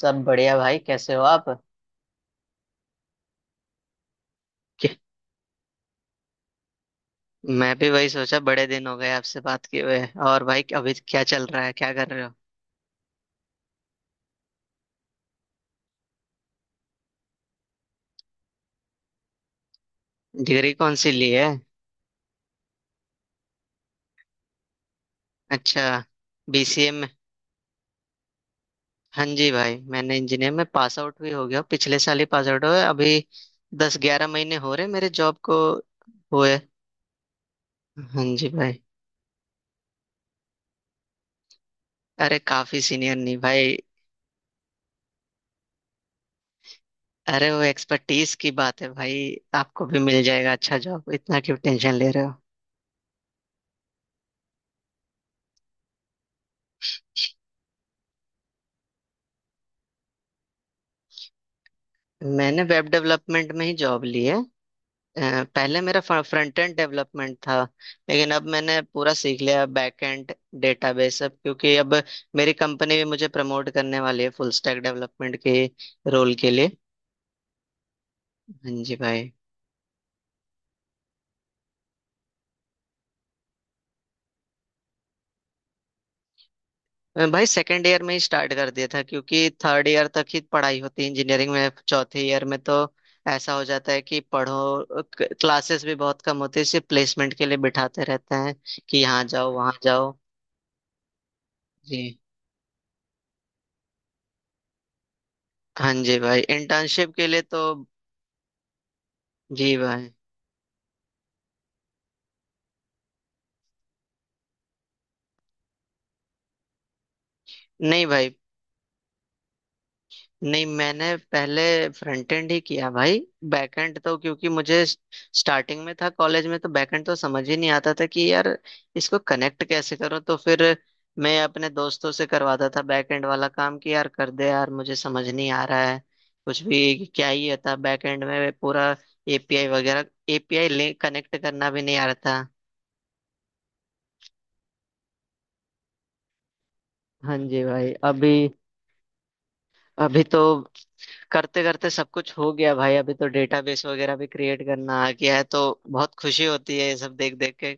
सब बढ़िया भाई, कैसे हो आप? क्या- मैं भी वही सोचा, बड़े दिन हो गए आपसे बात किए हुए। और भाई, अभी क्या चल रहा है, क्या कर रहे हो? डिग्री कौन सी ली है? अच्छा, बीसीए में। हाँ जी भाई, मैंने इंजीनियर में पास आउट भी हो गया हूँ। पिछले साल ही पास आउट हुए अभी। दस ग्यारह महीने हो रहे मेरे जॉब को हुए। हाँ जी भाई। अरे काफी सीनियर नहीं भाई। अरे वो एक्सपर्टीज की बात है भाई। आपको भी मिल जाएगा अच्छा जॉब, इतना क्यों टेंशन ले रहे हो? मैंने वेब डेवलपमेंट में ही जॉब ली है। पहले मेरा फ्रंट एंड डेवलपमेंट था। लेकिन अब मैंने पूरा सीख लिया बैक एंड, डेटाबेस। अब क्योंकि अब मेरी कंपनी भी मुझे प्रमोट करने वाली है फुल स्टैक डेवलपमेंट के रोल के लिए। हाँ जी भाई। भाई सेकेंड ईयर में ही स्टार्ट कर दिया था, क्योंकि थर्ड ईयर तक ही पढ़ाई होती है इंजीनियरिंग में। चौथे ईयर में तो ऐसा हो जाता है कि पढ़ो, क्लासेस भी बहुत कम होती है, सिर्फ प्लेसमेंट के लिए बिठाते रहते हैं कि यहाँ जाओ वहाँ जाओ। जी। हाँ जी भाई, इंटर्नशिप के लिए तो। जी भाई। नहीं भाई, नहीं, मैंने पहले फ्रंट एंड ही किया भाई। बैक एंड तो क्योंकि मुझे स्टार्टिंग में था कॉलेज में, तो बैक एंड तो समझ ही नहीं आता था कि यार इसको कनेक्ट कैसे करूं। तो फिर मैं अपने दोस्तों से करवाता था बैक एंड वाला काम, कि यार कर दे यार, मुझे समझ नहीं आ रहा है कुछ भी। क्या ही होता बैक एंड में पूरा एपीआई वगैरह। एपीआई लिंक कनेक्ट करना भी नहीं आ रहा था। हाँ जी भाई। अभी अभी तो करते करते सब कुछ हो गया भाई। अभी तो डेटाबेस वगैरह भी क्रिएट करना आ गया है, तो बहुत खुशी होती है ये सब देख देख के।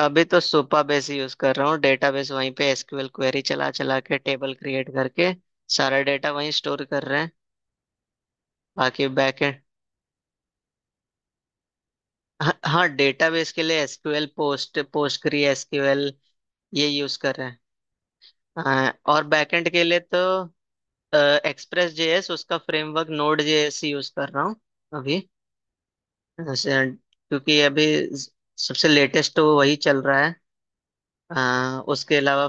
अभी तो सुपा बेस यूज कर रहा हूँ डेटाबेस, वहीं पे एसक्यूएल क्वेरी चला चला के टेबल क्रिएट करके सारा डेटा वहीं स्टोर कर रहे हैं। बाकी बैकएंड। हाँ हाँ, डेटाबेस के लिए एसक्यूएल, पोस्टग्री एसक्यूएल ये यूज कर रहे हैं। हाँ, और बैकएंड के लिए तो एक्सप्रेस जेएस, उसका फ्रेमवर्क नोड जेएस यूज कर रहा हूँ अभी। हाँ, सर, क्योंकि अभी ज- सबसे लेटेस्ट तो वही चल रहा है। उसके अलावा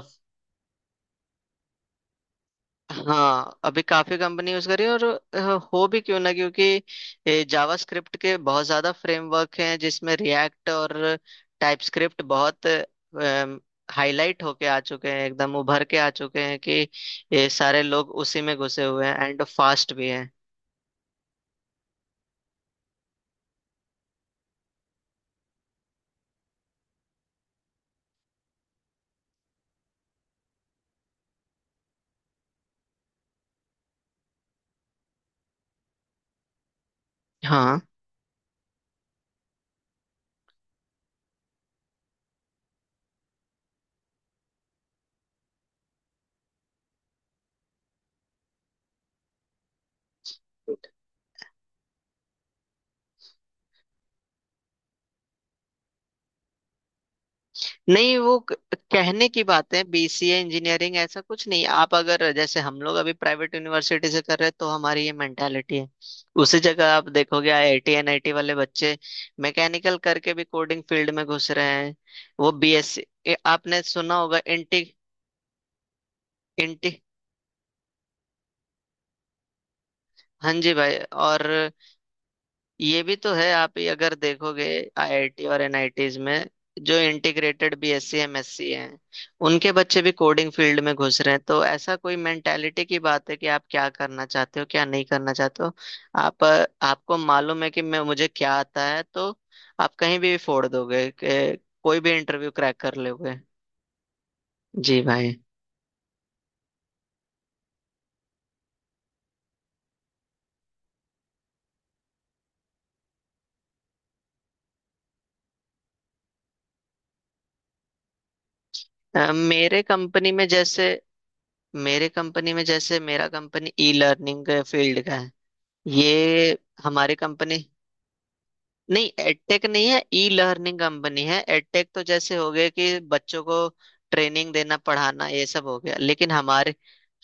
हाँ, अभी काफी कंपनी यूज कर रही है। और अ, हो भी क्यों ना, क्योंकि जावास्क्रिप्ट के बहुत ज्यादा फ्रेमवर्क हैं जिसमें रिएक्ट और टाइपस्क्रिप्ट बहुत हाईलाइट होके आ चुके हैं, एकदम उभर के आ चुके हैं कि ये सारे लोग उसी में घुसे हुए हैं एंड फास्ट भी हैं। हाँ, नहीं कहने की बात है, बीसीए इंजीनियरिंग ऐसा कुछ नहीं। आप अगर जैसे हम लोग अभी प्राइवेट यूनिवर्सिटी से कर रहे हैं तो हमारी ये मेंटालिटी है। उसी जगह आप देखोगे आईआईटी एनआईटी वाले बच्चे मैकेनिकल करके भी कोडिंग फील्ड में घुस रहे हैं। वो बीएससी, आपने सुना होगा इंटी, इंटी। हाँ जी भाई, और ये भी तो है, आप ही अगर देखोगे आईआईटी और एनआईटीज में जो इंटीग्रेटेड बीएससी एमएससी हैं, उनके बच्चे भी कोडिंग फील्ड में घुस रहे हैं। तो ऐसा कोई मेंटेलिटी की बात है कि आप क्या करना चाहते हो क्या नहीं करना चाहते हो। आप आपको मालूम है कि मैं मुझे क्या आता है, तो आप कहीं भी फोड़ दोगे, कोई भी इंटरव्यू क्रैक कर लोगे। जी भाई। अ, मेरे कंपनी में जैसे मेरे कंपनी में जैसे मेरा कंपनी ई लर्निंग फील्ड का है। ये हमारी कंपनी, नहीं एडटेक नहीं है, ई लर्निंग कंपनी है। एडटेक तो जैसे हो गया कि बच्चों को ट्रेनिंग देना, पढ़ाना, ये सब हो गया। लेकिन हमारे,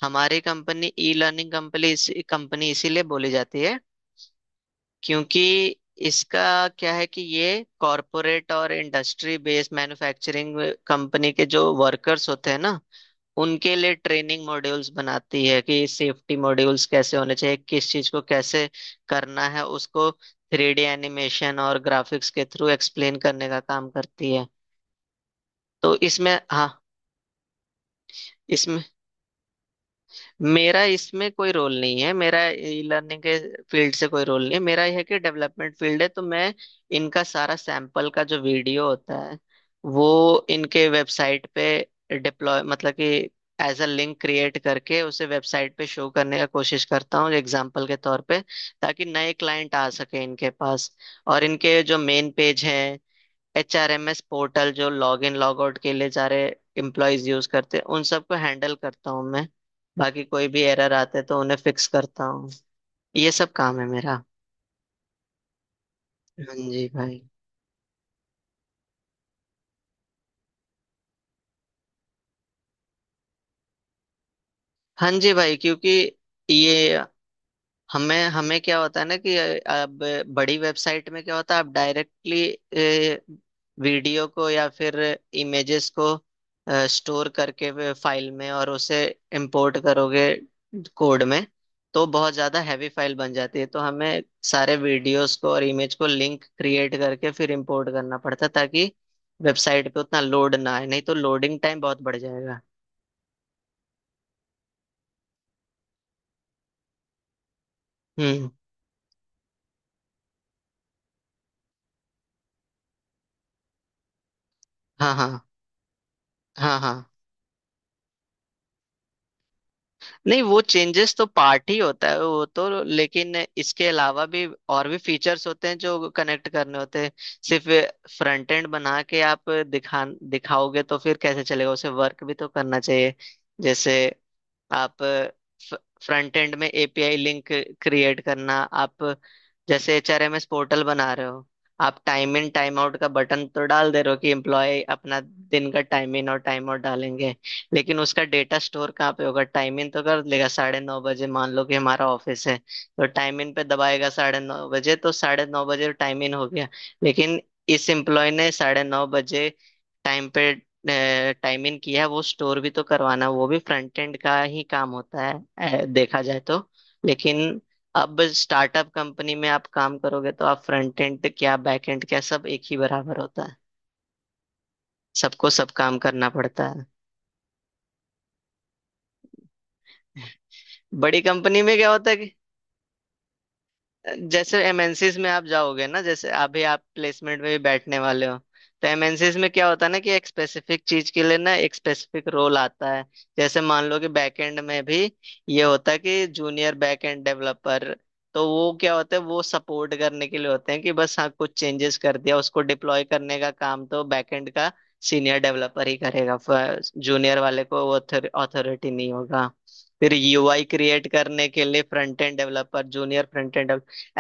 हमारी कंपनी ई लर्निंग कंपनी, इसीलिए बोली जाती है क्योंकि इसका क्या है कि ये कॉरपोरेट और इंडस्ट्री बेस्ड मैन्युफैक्चरिंग कंपनी के जो वर्कर्स होते हैं ना, उनके लिए ट्रेनिंग मॉड्यूल्स बनाती है कि सेफ्टी मॉड्यूल्स कैसे होने चाहिए, किस चीज को कैसे करना है, उसको थ्री डी एनिमेशन और ग्राफिक्स के थ्रू एक्सप्लेन करने का काम करती है। तो इसमें हाँ, इसमें मेरा इसमें कोई रोल नहीं है। मेरा ई लर्निंग के फील्ड से कोई रोल नहीं है। मेरा यह है कि डेवलपमेंट फील्ड है, तो मैं इनका सारा सैंपल का जो वीडियो होता है वो इनके वेबसाइट पे डिप्लॉय, मतलब कि एज अ लिंक क्रिएट करके उसे वेबसाइट पे शो करने का कोशिश करता हूँ एग्जाम्पल के तौर पे, ताकि नए क्लाइंट आ सके इनके पास। और इनके जो मेन पेज हैं, H R M S portal जो लॉग इन लॉग आउट के लिए सारे एम्प्लॉयज यूज करते हैं, उन सबको हैंडल करता हूँ मैं। बाकी कोई भी एरर आते हैं तो उन्हें फिक्स करता हूँ। ये सब काम है मेरा। हाँ जी भाई। हाँ जी भाई, क्योंकि ये हमें हमें क्या होता है ना कि अब बड़ी वेबसाइट में क्या होता है, आप डायरेक्टली वीडियो को या फिर इमेजेस को स्टोर करके वे फाइल में और उसे इंपोर्ट करोगे कोड में, तो बहुत ज़्यादा हैवी फाइल बन जाती है। तो हमें सारे वीडियोस को और इमेज को लिंक क्रिएट करके फिर इंपोर्ट करना पड़ता है, ताकि वेबसाइट पे उतना लोड ना आए, नहीं तो लोडिंग टाइम बहुत बढ़ जाएगा। हम्म। हाँ हाँ हाँ हाँ, नहीं वो चेंजेस तो पार्ट ही होता है वो तो, लेकिन इसके अलावा भी और भी फीचर्स होते हैं जो कनेक्ट करने होते हैं। सिर्फ फ्रंट एंड बना के आप दिखा दिखाओगे तो फिर कैसे चलेगा, उसे वर्क भी तो करना चाहिए। जैसे आप फ्रंट एंड में एपीआई लिंक क्रिएट करना, आप जैसे एचआरएमएस पोर्टल बना रहे हो, आप टाइम इन टाइम आउट का बटन तो डाल दे रहे हो कि एम्प्लॉय अपना दिन का टाइम इन और टाइम आउट डालेंगे। लेकिन उसका डेटा स्टोर कहाँ पे होगा? टाइम इन तो कर लेगा साढ़े नौ बजे, मान लो कि हमारा ऑफिस है, तो टाइम इन पे दबाएगा साढ़े नौ बजे, तो साढ़े नौ बजे टाइम इन हो गया। लेकिन इस एम्प्लॉय ने साढ़े नौ बजे टाइम पे टाइम इन किया है, वो स्टोर भी तो करवाना, वो भी फ्रंट एंड का ही काम होता है देखा जाए तो। लेकिन अब स्टार्टअप कंपनी में आप काम करोगे तो आप फ्रंट एंड क्या बैक एंड क्या, सब एक ही बराबर होता है, सबको सब काम करना पड़ता है। बड़ी कंपनी में क्या होता है, जैसे एमएनसीज में आप जाओगे ना, जैसे अभी आप प्लेसमेंट में भी बैठने वाले हो, तो एमएनसीज में क्या होता है ना कि एक स्पेसिफिक चीज के लिए ना एक स्पेसिफिक रोल आता है। जैसे मान लो कि बैकएंड में भी ये होता है कि जूनियर बैकएंड डेवलपर, तो वो क्या होता है, वो सपोर्ट करने के लिए होते हैं कि बस हाँ कुछ चेंजेस कर दिया, उसको डिप्लॉय करने का काम तो बैकएंड का सीनियर डेवलपर ही करेगा, जूनियर वाले को वो अथॉरिटी नहीं होगा। फिर यूआई क्रिएट करने के लिए front end developer, junior front end.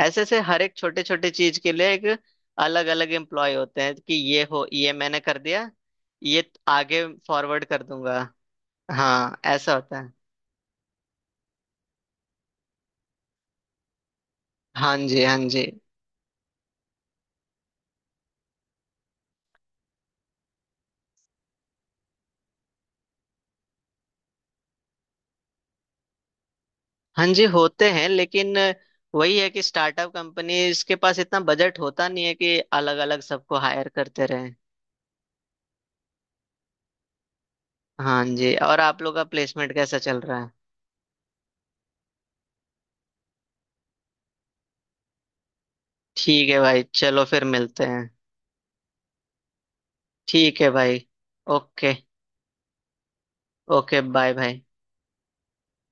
ऐसे ऐसे हर एक छोटे छोटे चीज के लिए एक अलग अलग एम्प्लॉय होते हैं कि ये हो, ये मैंने कर दिया, ये आगे फॉरवर्ड कर दूंगा। हाँ, ऐसा होता है। हाँ जी। हाँ जी। हाँ जी होते हैं, लेकिन वही है कि स्टार्टअप कंपनीज के पास इतना बजट होता नहीं है कि अलग अलग सबको हायर करते रहें। हाँ जी, और आप लोग का प्लेसमेंट कैसा चल रहा है? ठीक है भाई, चलो फिर मिलते हैं। ठीक है भाई। ओके। ओके, बाय भाई।